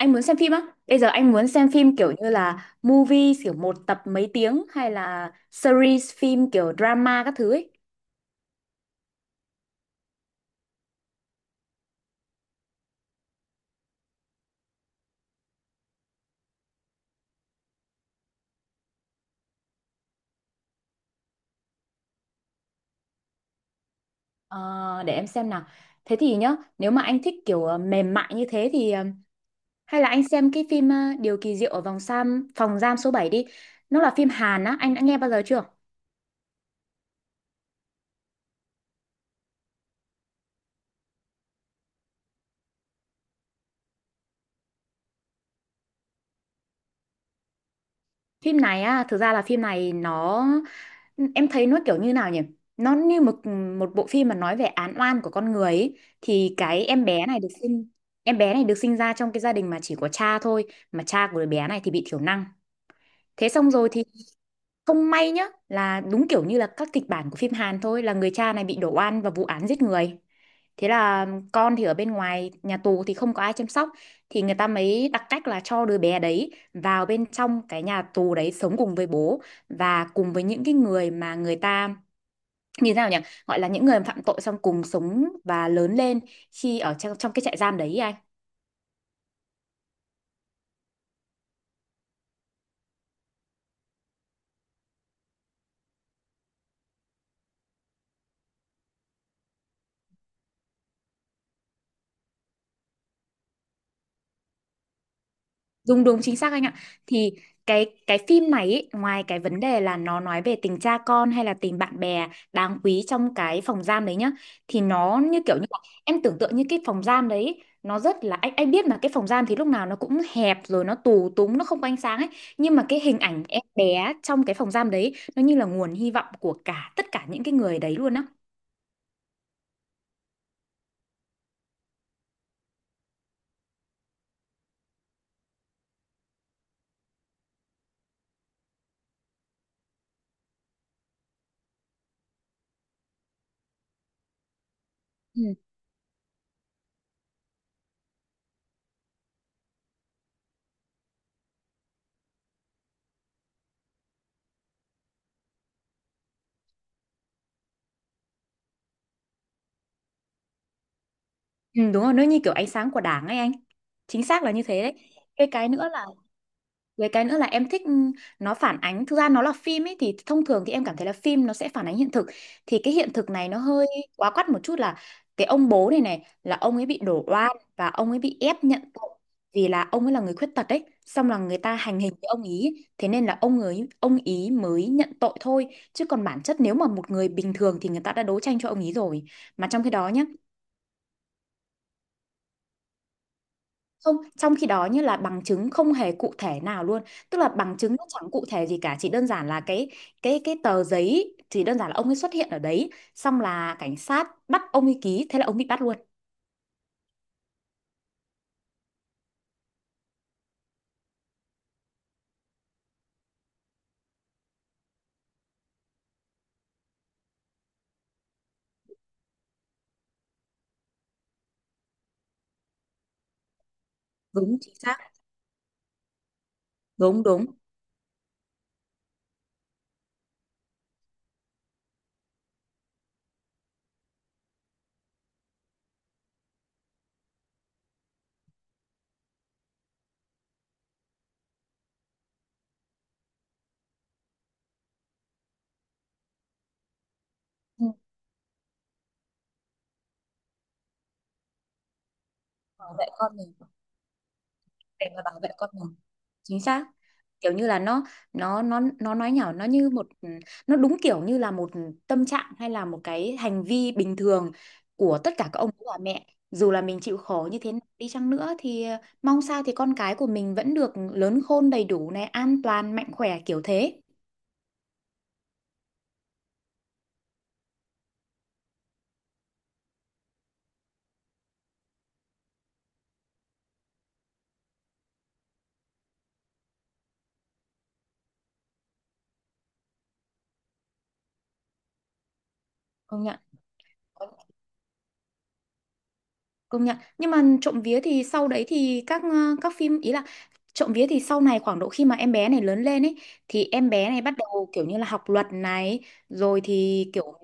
Anh muốn xem phim á? Bây giờ anh muốn xem phim kiểu như là movie kiểu một tập mấy tiếng hay là series phim kiểu drama các thứ ấy. Ờ, để em xem nào. Thế thì nhá, nếu mà anh thích kiểu mềm mại như thế thì hay là anh xem cái phim Điều kỳ diệu ở vòng giam phòng giam số 7 đi. Nó là phim Hàn á, anh đã nghe bao giờ chưa? Phim này á, thực ra là phim này nó. Em thấy nó kiểu như nào nhỉ? Nó như một một bộ phim mà nói về án oan của con người ấy. Thì cái em bé này được sinh Em bé này được sinh ra trong cái gia đình mà chỉ có cha thôi, mà cha của đứa bé này thì bị thiểu năng. Thế xong rồi thì không may nhá, là đúng kiểu như là các kịch bản của phim Hàn thôi, là người cha này bị đổ oan vào vụ án giết người. Thế là con thì ở bên ngoài nhà tù thì không có ai chăm sóc, thì người ta mới đặt cách là cho đứa bé đấy vào bên trong cái nhà tù đấy sống cùng với bố và cùng với những cái người mà người ta như thế nào nhỉ, gọi là những người phạm tội, xong cùng sống và lớn lên khi ở trong cái trại giam đấy ý anh. Đúng đúng, chính xác anh ạ. Thì cái phim này ý, ngoài cái vấn đề là nó nói về tình cha con hay là tình bạn bè đáng quý trong cái phòng giam đấy nhá, thì nó như kiểu như là, em tưởng tượng như cái phòng giam đấy ý, nó rất là, anh biết mà, cái phòng giam thì lúc nào nó cũng hẹp rồi, nó tù túng, nó không có ánh sáng ấy, nhưng mà cái hình ảnh em bé trong cái phòng giam đấy nó như là nguồn hy vọng của cả tất cả những cái người đấy luôn á. Ừ, đúng rồi, nó như kiểu ánh sáng của Đảng ấy anh. Chính xác là như thế đấy. Cái nữa là Với cái nữa là em thích, nó phản ánh, thực ra nó là phim ấy thì thông thường thì em cảm thấy là phim nó sẽ phản ánh hiện thực, thì cái hiện thực này nó hơi quá quắt một chút, là cái ông bố này này là ông ấy bị đổ oan và ông ấy bị ép nhận tội vì là ông ấy là người khuyết tật đấy. Xong là người ta hành hình cái ông ý, thế nên là ông ý mới nhận tội thôi, chứ còn bản chất nếu mà một người bình thường thì người ta đã đấu tranh cho ông ý rồi, mà trong khi đó nhá. Không, trong khi đó như là bằng chứng không hề cụ thể nào luôn. Tức là bằng chứng nó chẳng cụ thể gì cả, chỉ đơn giản là cái tờ giấy, chỉ đơn giản là ông ấy xuất hiện ở đấy, xong là cảnh sát bắt ông ấy ký, thế là ông bị bắt luôn. Đúng chính xác. Đúng đúng. Ừ. Bảo vệ con mình, để mà bảo vệ con mình. Chính xác. Kiểu như là, nó nói nhảm, nó như một, nó đúng kiểu như là một tâm trạng hay là một cái hành vi bình thường của tất cả các ông bà mẹ, dù là mình chịu khổ như thế nào đi chăng nữa thì mong sao thì con cái của mình vẫn được lớn khôn đầy đủ này, an toàn, mạnh khỏe kiểu thế. công nhận Công nhận. Nhưng mà trộm vía thì sau đấy thì các phim ý là, trộm vía thì sau này khoảng độ khi mà em bé này lớn lên ấy, thì em bé này bắt đầu kiểu như là học luật này, rồi thì kiểu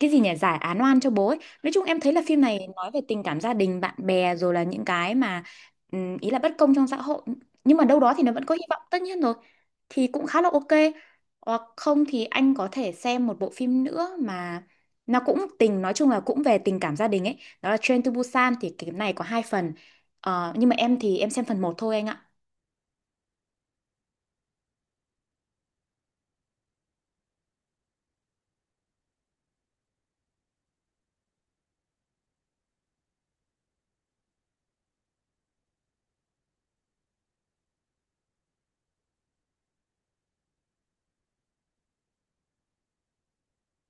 cái gì nhỉ, giải án oan cho bố ấy. Nói chung em thấy là phim này nói về tình cảm gia đình, bạn bè, rồi là những cái mà, ý là bất công trong xã hội, nhưng mà đâu đó thì nó vẫn có hy vọng, tất nhiên rồi. Thì cũng khá là ok. Hoặc không thì anh có thể xem một bộ phim nữa mà nó cũng tình, nói chung là cũng về tình cảm gia đình ấy, đó là Train to Busan, thì cái này có hai phần. Nhưng mà em thì em xem phần một thôi anh ạ.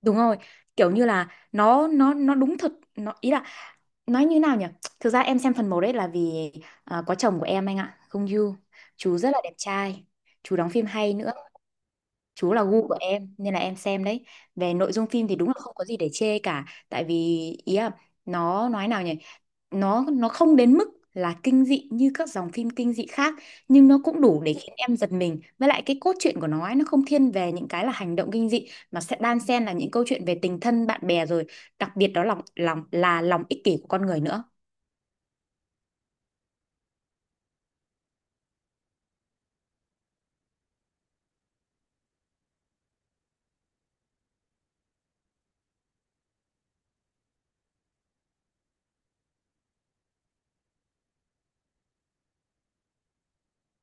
Đúng rồi, kiểu như là nó đúng thật, nó ý là, nói như nào nhỉ, thực ra em xem phần một đấy là vì có chồng của em anh ạ, Không Yoo. Chú rất là đẹp trai, chú đóng phim hay nữa, chú là gu của em nên là em xem đấy. Về nội dung phim thì đúng là không có gì để chê cả, tại vì ý là, nó nói nào nhỉ, nó không đến mức là kinh dị như các dòng phim kinh dị khác, nhưng nó cũng đủ để khiến em giật mình. Với lại cái cốt truyện của nó ấy, nó không thiên về những cái là hành động kinh dị, mà sẽ đan xen là những câu chuyện về tình thân bạn bè, rồi đặc biệt đó là lòng lòng là lòng ích kỷ của con người nữa.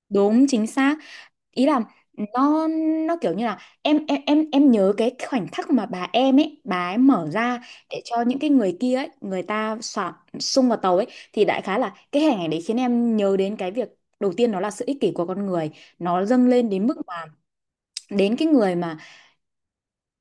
Đúng chính xác. Ý là nó nó kiểu như là em nhớ cái khoảnh khắc mà bà em ấy, bà ấy mở ra để cho những cái người kia ấy, người ta xả xung vào tàu ấy, thì đại khái là cái hình ảnh đấy khiến em nhớ đến cái việc đầu tiên, đó là sự ích kỷ của con người. Nó dâng lên đến mức mà, đến cái người mà,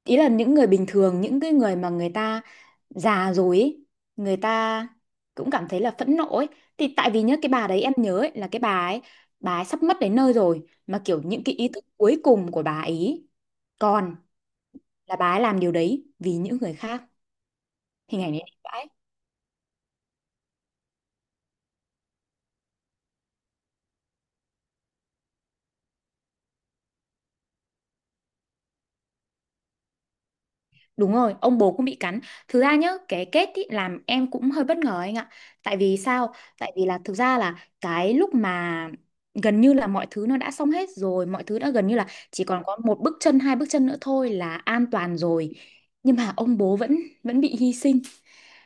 ý là những người bình thường, những cái người mà người ta già rồi ấy, người ta cũng cảm thấy là phẫn nộ ấy. Thì tại vì nhớ cái bà đấy em nhớ ấy, là cái bà ấy, bà ấy sắp mất đến nơi rồi, mà kiểu những cái ý thức cuối cùng của bà ấy còn, là bà ấy làm điều đấy vì những người khác. Hình ảnh đấy đẹp vãi. Đúng rồi, ông bố cũng bị cắn. Thực ra nhá, cái kết ý, làm em cũng hơi bất ngờ anh ạ. Tại vì sao? Tại vì là thực ra là cái lúc mà gần như là mọi thứ nó đã xong hết rồi, mọi thứ đã gần như là chỉ còn có một bước chân, hai bước chân nữa thôi là an toàn rồi. Nhưng mà ông bố vẫn vẫn bị hy sinh.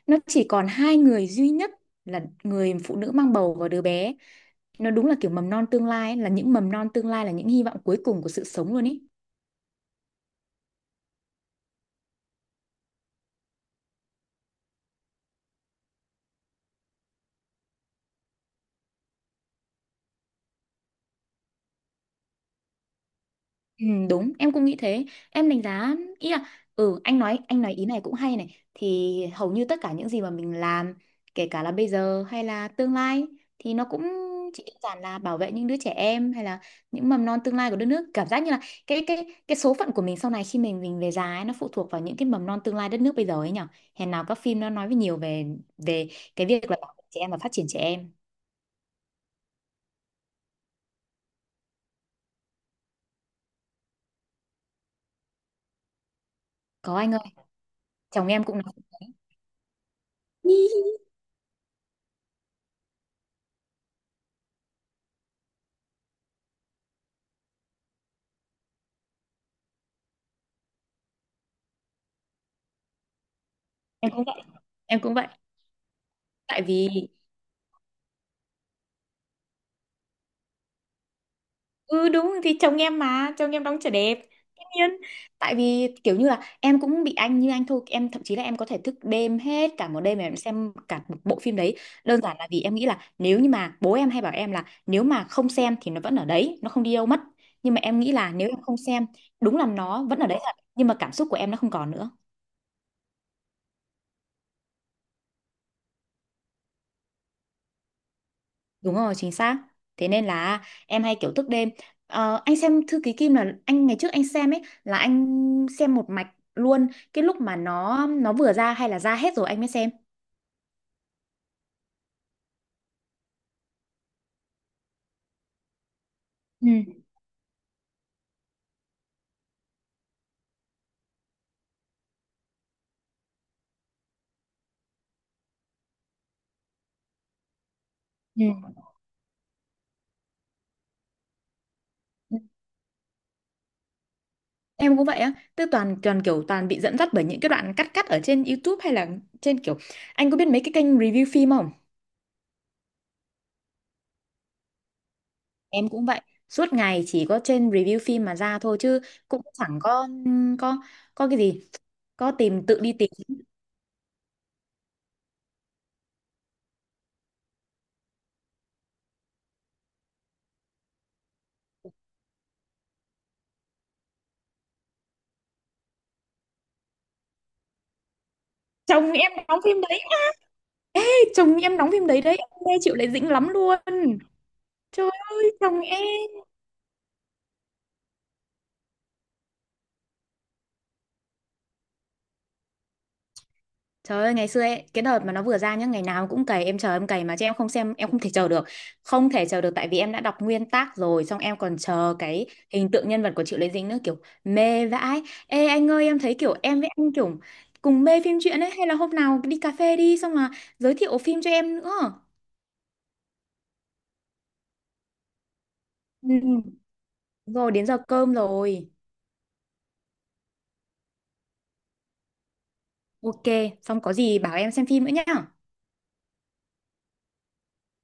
Nó chỉ còn hai người duy nhất, là người phụ nữ mang bầu và đứa bé. Nó đúng là kiểu mầm non tương lai ấy, là những mầm non tương lai, là những hy vọng cuối cùng của sự sống luôn ý. Ừ, đúng, em cũng nghĩ thế, em đánh giá ý là, anh nói, ý này cũng hay này. Thì hầu như tất cả những gì mà mình làm, kể cả là bây giờ hay là tương lai, thì nó cũng chỉ đơn giản là bảo vệ những đứa trẻ em, hay là những mầm non tương lai của đất nước. Cảm giác như là cái số phận của mình sau này khi mình về già ấy, nó phụ thuộc vào những cái mầm non tương lai đất nước bây giờ ấy nhở. Hèn nào các phim nó nói với nhiều về về cái việc là bảo vệ trẻ em và phát triển trẻ em. Có anh ơi, chồng em cũng nói. em cũng vậy, em cũng vậy. Tại vì, ừ đúng, thì chồng em đóng trở đẹp, tất nhiên. Tại vì kiểu như là em cũng bị anh như anh thôi, em thậm chí là em có thể thức đêm hết cả một đêm mà em xem cả một bộ phim đấy, đơn giản là vì em nghĩ là, nếu như mà bố em hay bảo em là, nếu mà không xem thì nó vẫn ở đấy, nó không đi đâu mất. Nhưng mà em nghĩ là, nếu em không xem, đúng là nó vẫn ở đấy thật, nhưng mà cảm xúc của em nó không còn nữa. Đúng rồi, chính xác. Thế nên là em hay kiểu thức đêm. Anh xem Thư ký Kim là anh ngày trước anh xem ấy, là anh xem một mạch luôn, cái lúc mà nó vừa ra, hay là ra hết rồi anh mới xem. Ừ, ừ. Ừ. Em cũng vậy á, tức toàn, kiểu toàn bị dẫn dắt bởi những cái đoạn cắt cắt ở trên YouTube, hay là trên kiểu, anh có biết mấy cái kênh review phim không? Em cũng vậy, suốt ngày chỉ có trên review phim mà ra thôi, chứ cũng chẳng có có cái gì, có tìm tự đi tìm. Chồng em đóng phim đấy. Đấy, em nghe chịu lại dĩnh lắm luôn. Trời ơi, chồng em. Trời ơi, ngày xưa ấy, cái đợt mà nó vừa ra nhá, ngày nào cũng cày, em chờ em cày mà, chứ em không xem, em không thể chờ được. Không thể chờ được, tại vì em đã đọc nguyên tác rồi, xong em còn chờ cái hình tượng nhân vật của Triệu Lệ Dĩnh nữa, kiểu mê vãi. Ê anh ơi, em thấy kiểu em với anh kiểu cùng mê phim truyện ấy, hay là hôm nào đi cà phê đi, xong mà giới thiệu phim cho em nữa. Ừ. Rồi, đến giờ cơm rồi. Ok, xong có gì bảo em xem phim nữa nhá.